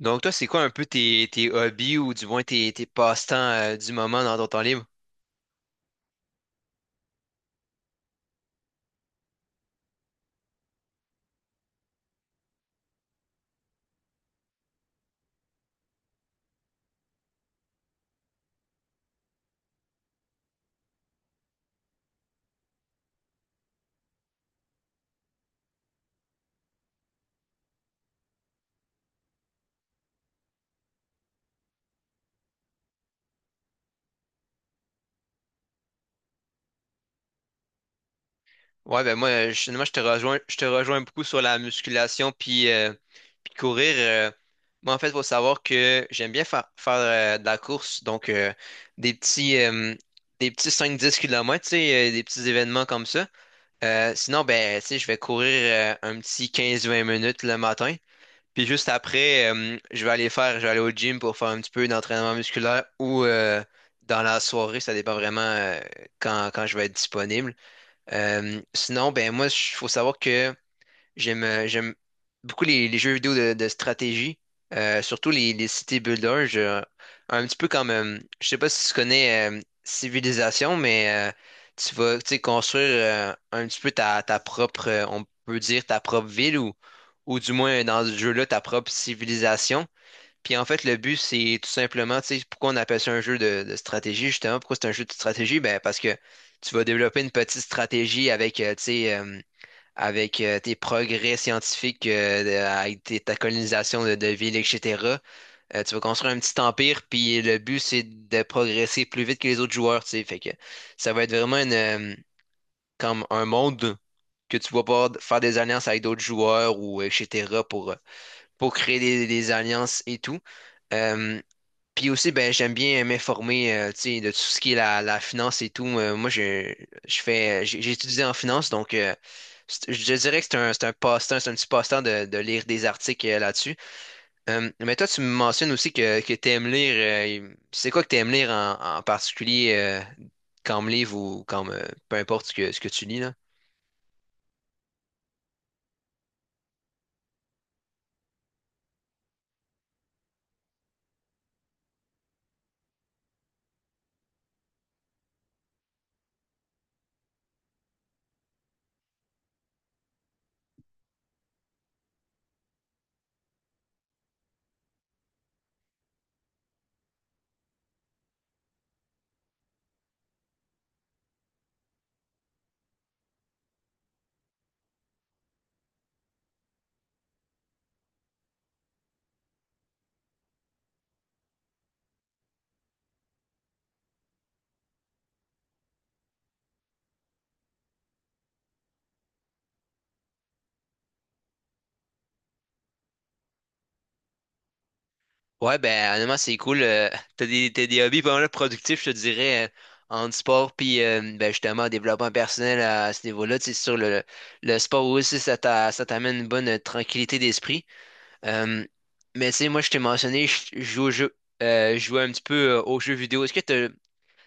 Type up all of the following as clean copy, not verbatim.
Donc toi, c'est quoi un peu tes hobbies ou du moins tes passe-temps du moment dans ton temps libre? Ouais, ben moi, moi, je te rejoins beaucoup sur la musculation puis courir. Moi, en fait, il faut savoir que j'aime bien faire de la course, donc des petits, euh, des petits 5-10 km tu sais, des petits événements comme ça. Sinon, ben, tu sais, je vais courir un petit 15-20 minutes le matin. Puis juste après, je vais aller au gym pour faire un petit peu d'entraînement musculaire ou dans la soirée, ça dépend vraiment quand je vais être disponible. Sinon, ben moi, il faut savoir que j'aime beaucoup les jeux vidéo de stratégie, surtout les city builders. Un petit peu comme, je sais pas si tu connais Civilisation, mais tu vas tu sais, construire un petit peu ta propre, on peut dire ta propre ville ou du moins dans ce jeu-là, ta propre civilisation. Puis en fait, le but, c'est tout simplement, tu sais, pourquoi on appelle ça un jeu de stratégie, justement, pourquoi c'est un jeu de stratégie? Ben, parce que tu vas développer une petite stratégie avec, tu sais, avec tes progrès scientifiques, ta colonisation de villes, etc. Tu vas construire un petit empire, puis le but, c'est de progresser plus vite que les autres joueurs, tu sais. Fait que ça va être vraiment comme un monde que tu vas pouvoir faire des alliances avec d'autres joueurs ou etc. pour créer des alliances et tout. Euh, puis aussi, ben, j'aime bien m'informer, tu sais, de tout ce qui est la finance et tout. Moi, je j'ai étudié en finance, donc je dirais que c'est un passe-temps, c'est un petit passe-temps de lire des articles là-dessus. Mais toi, tu me mentionnes aussi que tu aimes lire. C'est quoi que tu aimes lire en particulier comme livre ou comme peu importe ce que tu lis là? Ouais, ben honnêtement, c'est cool. T'as des hobbies pas mal productifs, je te dirais, en sport, puis ben, justement, en développement personnel à ce niveau-là. Tu sais, sur le sport aussi, ça t'amène une bonne tranquillité d'esprit. Euh, mais tu sais, moi, je t'ai mentionné, je joue un petit peu aux jeux vidéo. Tu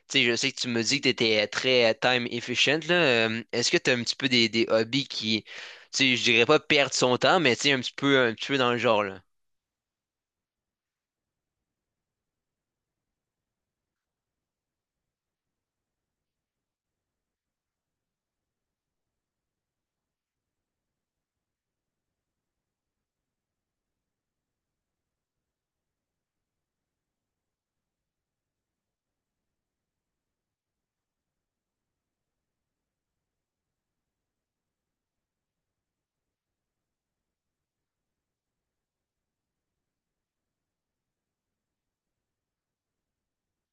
sais, je sais que tu me dis que t'étais très time efficient, là. Est-ce que t'as un petit peu des hobbies qui, tu sais, je dirais pas perdre son temps, mais tu sais, un petit peu dans le genre, là.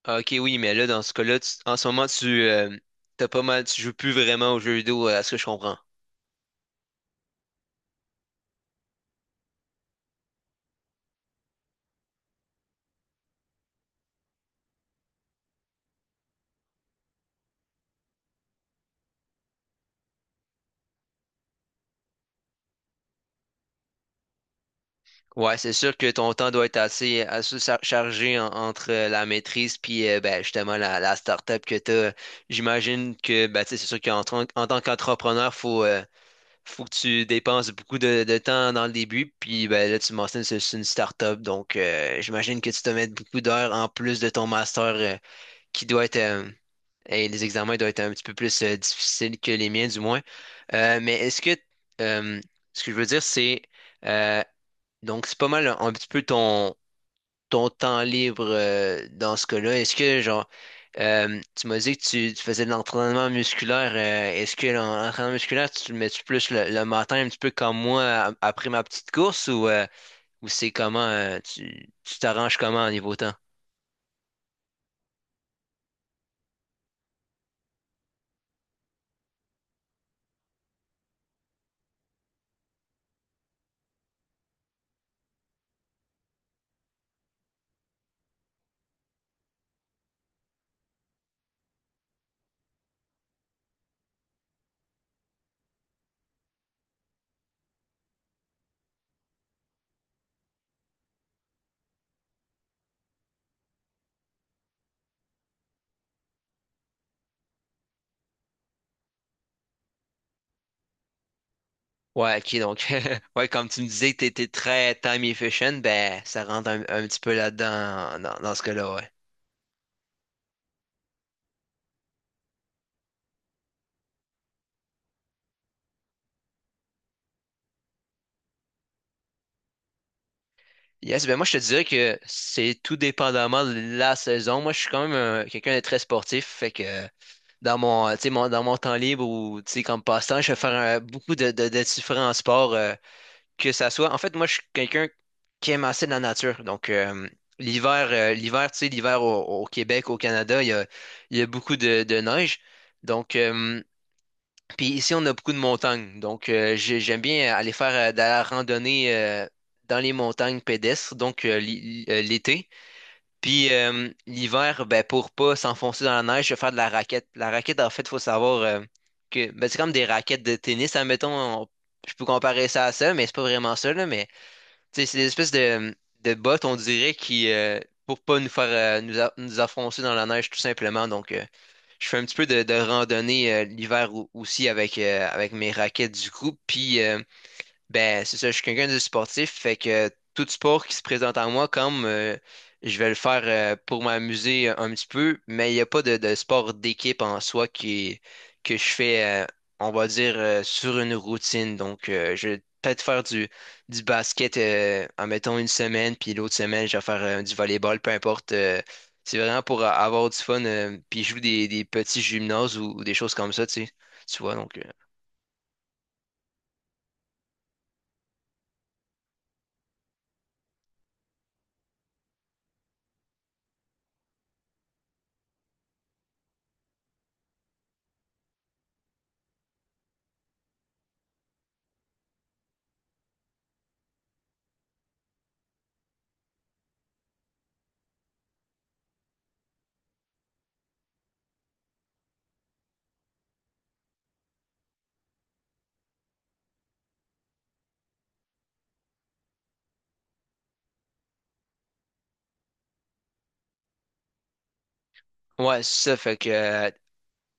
Ah, ok, oui, mais là, dans ce cas-là, en ce moment, tu t'as pas mal, tu joues plus vraiment aux jeux vidéo, à ce que je comprends. Ouais, c'est sûr que ton temps doit être chargé entre la maîtrise puis ben, justement la start-up que t'as. J'imagine que ben, tu sais, c'est sûr qu'en tant qu'entrepreneur, faut, faut que tu dépenses beaucoup de temps dans le début. Puis ben, là, tu mentionnes que c'est une start-up, donc j'imagine que tu te mets beaucoup d'heures en plus de ton master qui doit être. Et les examens doivent être un petit peu plus difficiles que les miens, du moins. Mais est-ce que euh, Ce que je veux dire, c'est euh, donc c'est pas mal un petit peu ton temps libre dans ce cas-là. Est-ce que genre tu m'as dit que tu faisais de l'entraînement musculaire. Est-ce que l'entraînement musculaire, tu le mets-tu plus le matin un petit peu comme moi après ma petite course ou c'est comment tu t'arranges comment au niveau temps? Ouais, ok, donc, ouais, comme tu me disais que t'étais très time efficient, ben, ça rentre un petit peu là-dedans, dans ce cas-là, ouais. Yes, ben, moi, je te dirais que c'est tout dépendamment de la saison. Moi, je suis quand même quelqu'un de très sportif, fait que dans mon, tu sais, dans mon temps libre ou, tu sais, comme passe-temps, je vais faire beaucoup de différents sports, que ça soit. En fait, moi, je suis quelqu'un qui aime assez la nature. Donc, l'hiver, tu sais, l'hiver au Québec, au Canada, il y a beaucoup de neige. Donc, euh, Puis ici, on a beaucoup de montagnes. Donc, j'aime bien aller faire de la randonnée dans les montagnes pédestres, donc l'été. Puis l'hiver, ben, pour pas s'enfoncer dans la neige, je vais faire de la raquette. La raquette, en fait, il faut savoir que ben, c'est comme des raquettes de tennis, admettons. on- je peux comparer ça à ça, mais c'est pas vraiment ça, là, mais tu sais, c'est des espèces de bottes, on dirait, qui, pour pas nous faire nous enfoncer dans la neige, tout simplement. Donc, je fais un petit peu de randonnée l'hiver aussi avec, mes raquettes du coup. Puis, ben, c'est ça, je suis quelqu'un de sportif, fait que tout sport qui se présente à moi, comme je vais le faire pour m'amuser un petit peu, mais il n'y a pas de sport d'équipe en soi que je fais, on va dire, sur une routine. Donc, je vais peut-être faire du basket, en mettant une semaine, puis l'autre semaine, je vais faire du volleyball, peu importe. C'est vraiment pour avoir du fun, puis je joue des petits gymnases ou des choses comme ça, tu sais, tu vois, ouais, c'est ça, fait que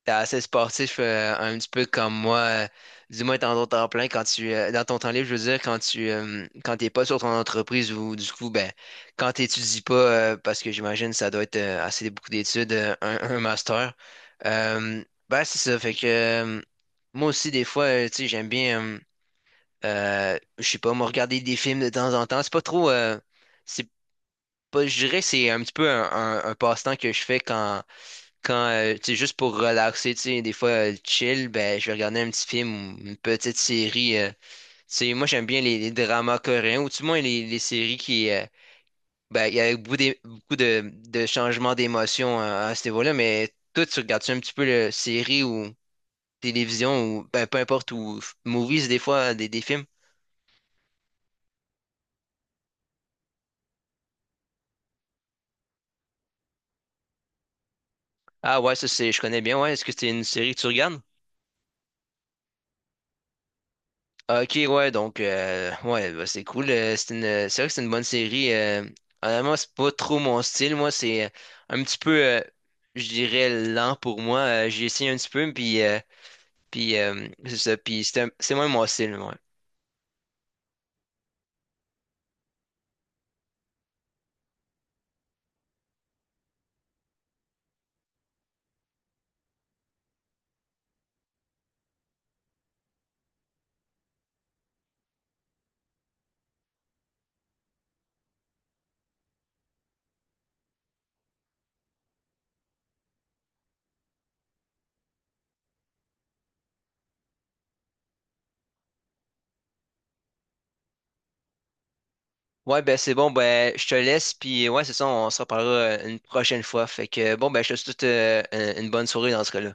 t'es assez sportif, un petit peu comme moi. Du moins, dans ton temps plein, quand dans ton temps libre, je veux dire, quand t'es pas sur ton entreprise ou du coup, ben, quand t'étudies pas, parce que j'imagine ça doit être assez beaucoup d'études, un master. Ben, c'est ça. Fait que moi aussi, des fois, tu sais, j'aime bien, je sais pas, me regarder des films de temps en temps. C'est pas trop, c'est pas, Je dirais que c'est un petit peu un passe-temps que je fais tu sais, juste pour relaxer, tu sais, des fois, chill, ben, je vais regarder un petit film ou une petite série. Tu sais, moi, j'aime bien les dramas coréens, ou du moins les séries ben, il y a beaucoup de changements d'émotions à ce niveau-là, mais toi, tu regardes-tu un petit peu le série ou télévision ou, ben, peu importe, movies, des fois, des films? Ah ouais, ça, je connais bien, ouais. Est-ce que c'est une série que tu regardes? Ah, ok, ouais, donc, ouais, bah, c'est cool. C'est vrai que c'est une bonne série. Honnêtement, c'est pas trop mon style. Moi, c'est un petit peu, je dirais, lent pour moi. J'ai essayé un petit peu, puis, puis c'est ça. Puis c'est c'est moins mon style, ouais. Ouais, ben c'est bon, ben je te laisse, puis ouais, c'est ça, on se reparlera une prochaine fois. Fait que bon, ben je te souhaite une bonne soirée dans ce cas-là.